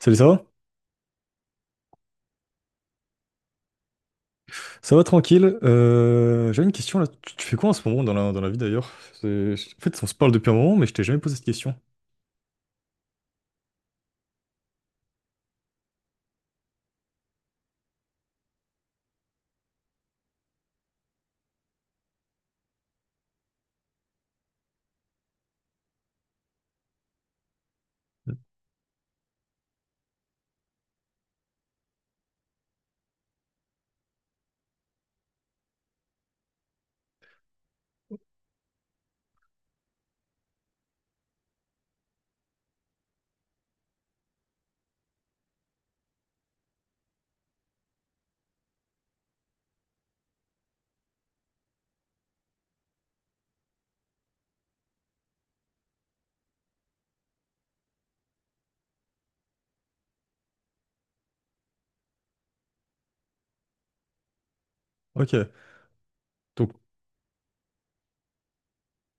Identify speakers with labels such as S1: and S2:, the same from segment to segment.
S1: Salut, ça va? Ça va tranquille. J'avais une question là. Tu fais quoi en ce moment dans la vie d'ailleurs? En fait, on se parle depuis un moment, mais je t'ai jamais posé cette question. Ok. Donc,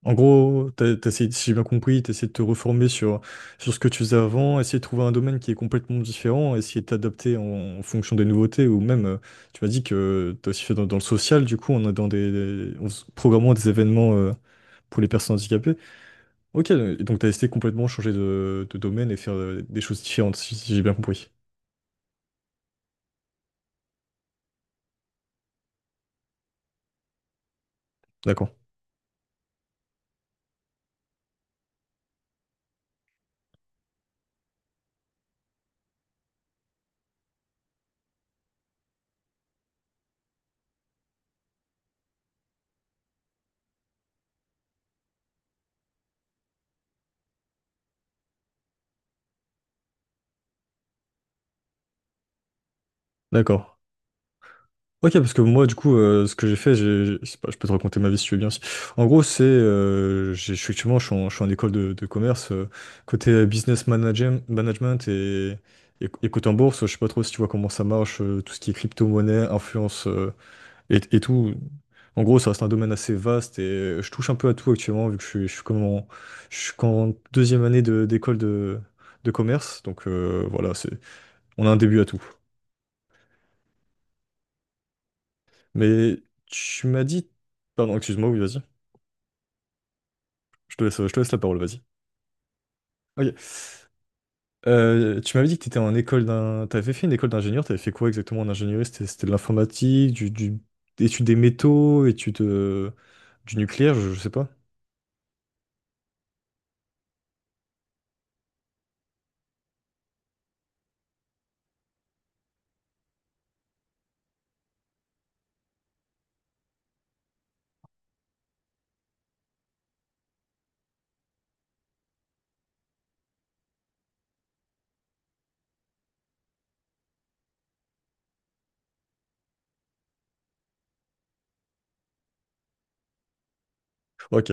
S1: en gros, t'as essayé, si j'ai bien compris, t'as essayé de te reformer sur ce que tu faisais avant, essayer de trouver un domaine qui est complètement différent, essayer de t'adapter en fonction des nouveautés, ou même, tu m'as dit que t'as aussi fait dans le social, du coup, on a dans programmant des événements pour les personnes handicapées. Ok, donc t'as essayé complètement changer de domaine et faire des choses différentes, si j'ai bien compris. D'accord, d'accord. Ok, parce que moi, du coup, ce que j'ai fait, je pas, je peux te raconter ma vie si tu veux bien. Aussi. En gros, c'est, effectivement, je suis je suis en école de commerce, côté management et côté en bourse, je sais pas trop si tu vois comment ça marche, tout ce qui est crypto-monnaie, influence et tout. En gros, ça reste un domaine assez vaste et je touche un peu à tout actuellement, vu que je suis comme je suis qu'en deuxième année d'école de commerce, donc voilà, c'est, on a un début à tout. Mais tu m'as dit... Pardon, excuse-moi, oui, vas-y. Je te laisse la parole, vas-y. Ok. Tu m'avais dit que tu étais en école d'un... T'avais fait une école d'ingénieur, t'avais fait quoi exactement en ingénierie? C'était de l'informatique, du... études des métaux, études du nucléaire, je sais pas. Ok,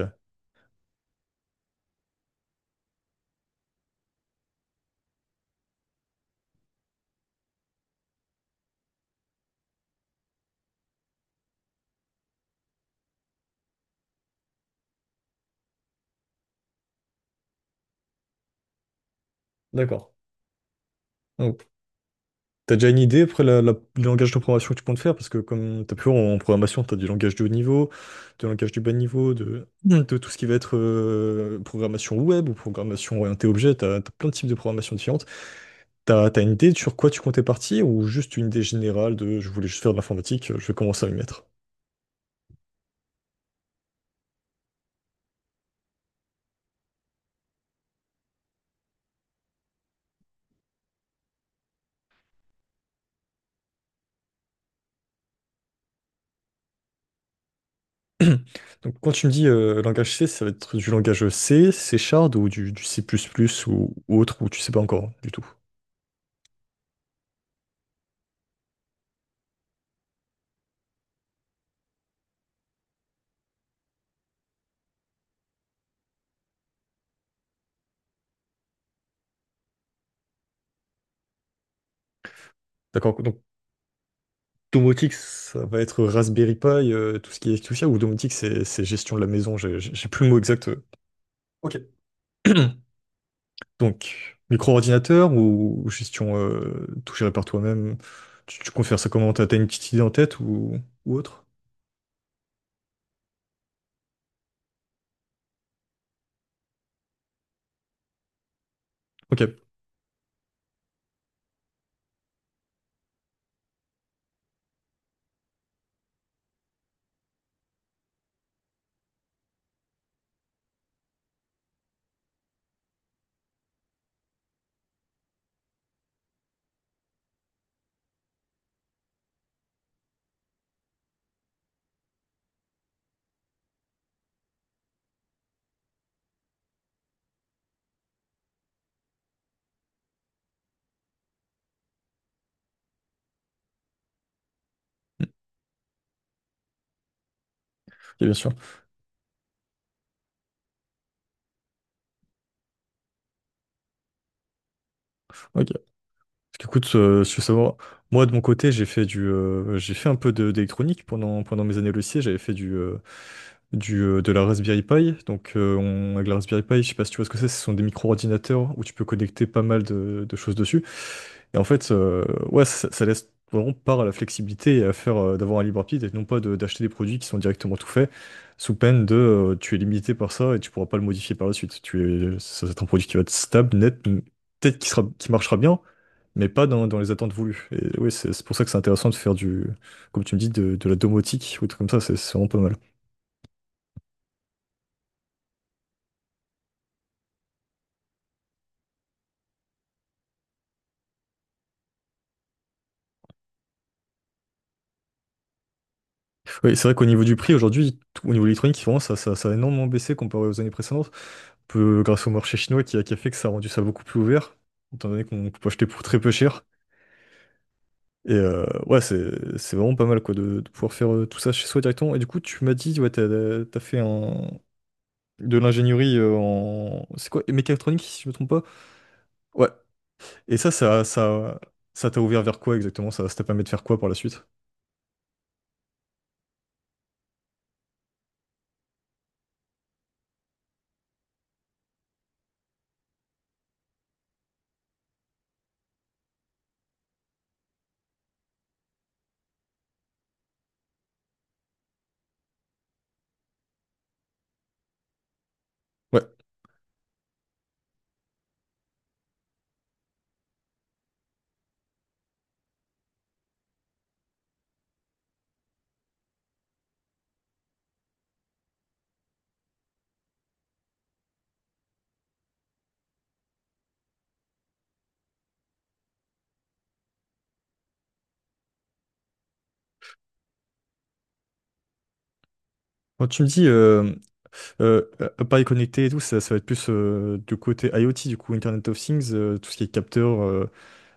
S1: d'accord. T'as déjà une idée après le langage de programmation que tu comptes faire? Parce que comme t'as pu voir en programmation, t'as du langage de haut niveau, du langage du bas niveau, de tout ce qui va être programmation web ou programmation orientée objet, t'as plein de types de programmation différentes. T'as une idée sur quoi tu comptais partir ou juste une idée générale de je voulais juste faire de l'informatique, je vais commencer à m'y mettre. Donc, quand tu me dis langage C, ça va être du langage C, C Shard ou du C++ ou autre, ou tu sais pas encore du tout. D'accord. Donc, domotique, ça va être Raspberry Pi, tout ce qui est tout ça, ou domotique, c'est gestion de la maison, j'ai plus le mot exact. Euh. Ok. Donc, micro-ordinateur ou gestion tout géré par toi-même, tu confères ça comment? T'as une petite idée en tête ou autre? Ok. Ok, bien sûr. Ok. Parce qu'écoute, je veux savoir, moi de mon côté, j'ai fait un peu d'électronique pendant mes années au lycée. J'avais fait du, de la Raspberry Pi. Donc, avec la Raspberry Pi, je sais pas si tu vois ce que c'est, ce sont des micro-ordinateurs où tu peux connecter pas mal de choses dessus. Et en fait, ouais, ça laisse vraiment part à la flexibilité et à faire d'avoir un libre arbitre et non pas d'acheter des produits qui sont directement tout faits sous peine de tu es limité par ça et tu pourras pas le modifier par la suite. Tu es, ça va être un produit qui va être stable, net, peut-être qui marchera bien, mais pas dans les attentes voulues. Et oui, c'est pour ça que c'est intéressant de faire du, comme tu me dis, de la domotique ou des trucs comme ça, c'est vraiment pas mal. Oui, c'est vrai qu'au niveau du prix, aujourd'hui, au niveau électronique, vraiment, ça a énormément baissé comparé aux années précédentes, peu, grâce au marché chinois qui a fait que ça a rendu ça beaucoup plus ouvert, étant donné qu'on peut acheter pour très peu cher. Et ouais, c'est vraiment pas mal quoi, de pouvoir faire tout ça chez soi directement. Et du coup, tu m'as dit, ouais, t'as fait un, de l'ingénierie en... C'est quoi? Mécatronique, si je me trompe pas? Ouais. Et ça t'a ouvert vers quoi exactement? Ça t'a permis de faire quoi par la suite? Ouais. Quand tu me dis euh, appareil connecté et tout, ça va être plus du côté IoT, du coup Internet of Things, tout ce qui est capteur,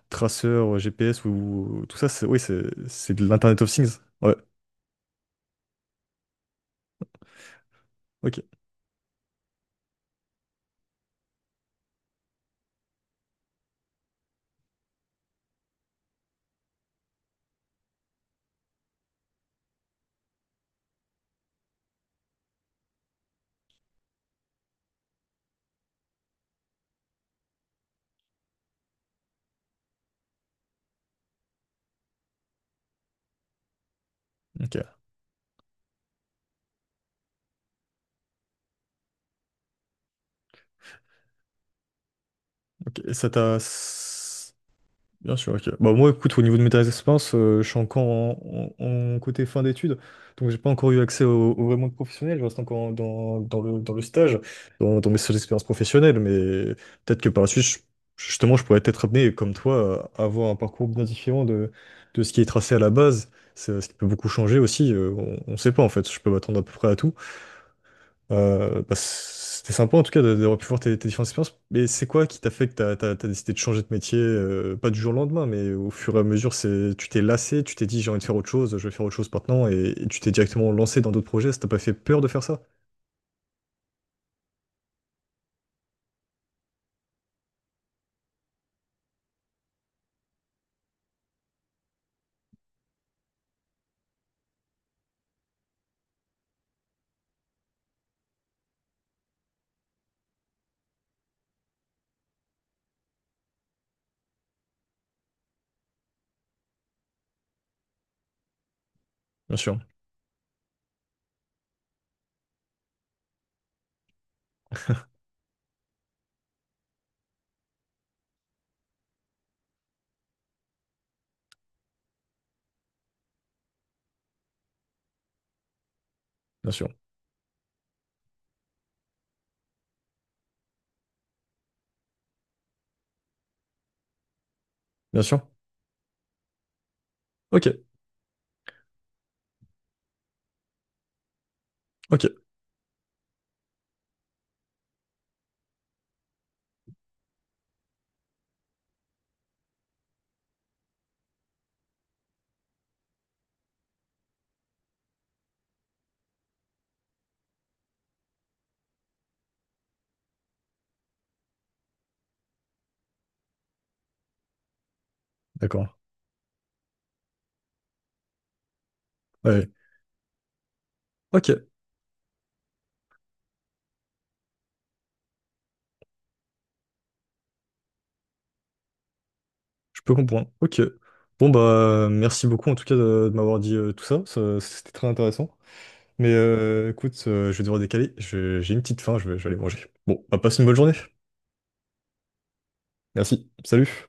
S1: traceur, GPS ou tout ça, c'est oui, c'est de l'Internet of Things. Ouais. Ok. Ok. Ok. Et ça t'a bien sûr, ok. Bah, moi, écoute, au niveau de mes expériences, je suis encore en côté fin d'études, donc j'ai pas encore eu accès au vrai monde professionnel, je reste encore dans dans le stage, dans mes seules expériences professionnelles, mais peut-être que par la suite, justement, je pourrais être amené, comme toi, à avoir un parcours bien différent de ce qui est tracé à la base, ce qui peut beaucoup changer aussi, on sait pas en fait, je peux m'attendre à peu près à tout, bah, c'était sympa en tout cas d'avoir pu voir tes, tes différentes expériences. Mais c'est quoi qui t'a fait que t'as décidé de changer de métier, pas du jour au lendemain, mais au fur et à mesure, c'est, tu t'es lassé, tu t'es dit j'ai envie de faire autre chose, je vais faire autre chose maintenant, et tu t'es directement lancé dans d'autres projets. Ça t'a pas fait peur de faire ça? Bien sûr, bien sûr, bien sûr. Ok, ok, d'accord. Ouais. Ok. Je peux comprendre. Ok. Bon, bah, merci beaucoup en tout cas de m'avoir dit tout ça. C'était très intéressant. Mais écoute, je vais devoir décaler. J'ai une petite faim, je vais aller manger. Bon, bah, passe une bonne journée. Merci. Salut.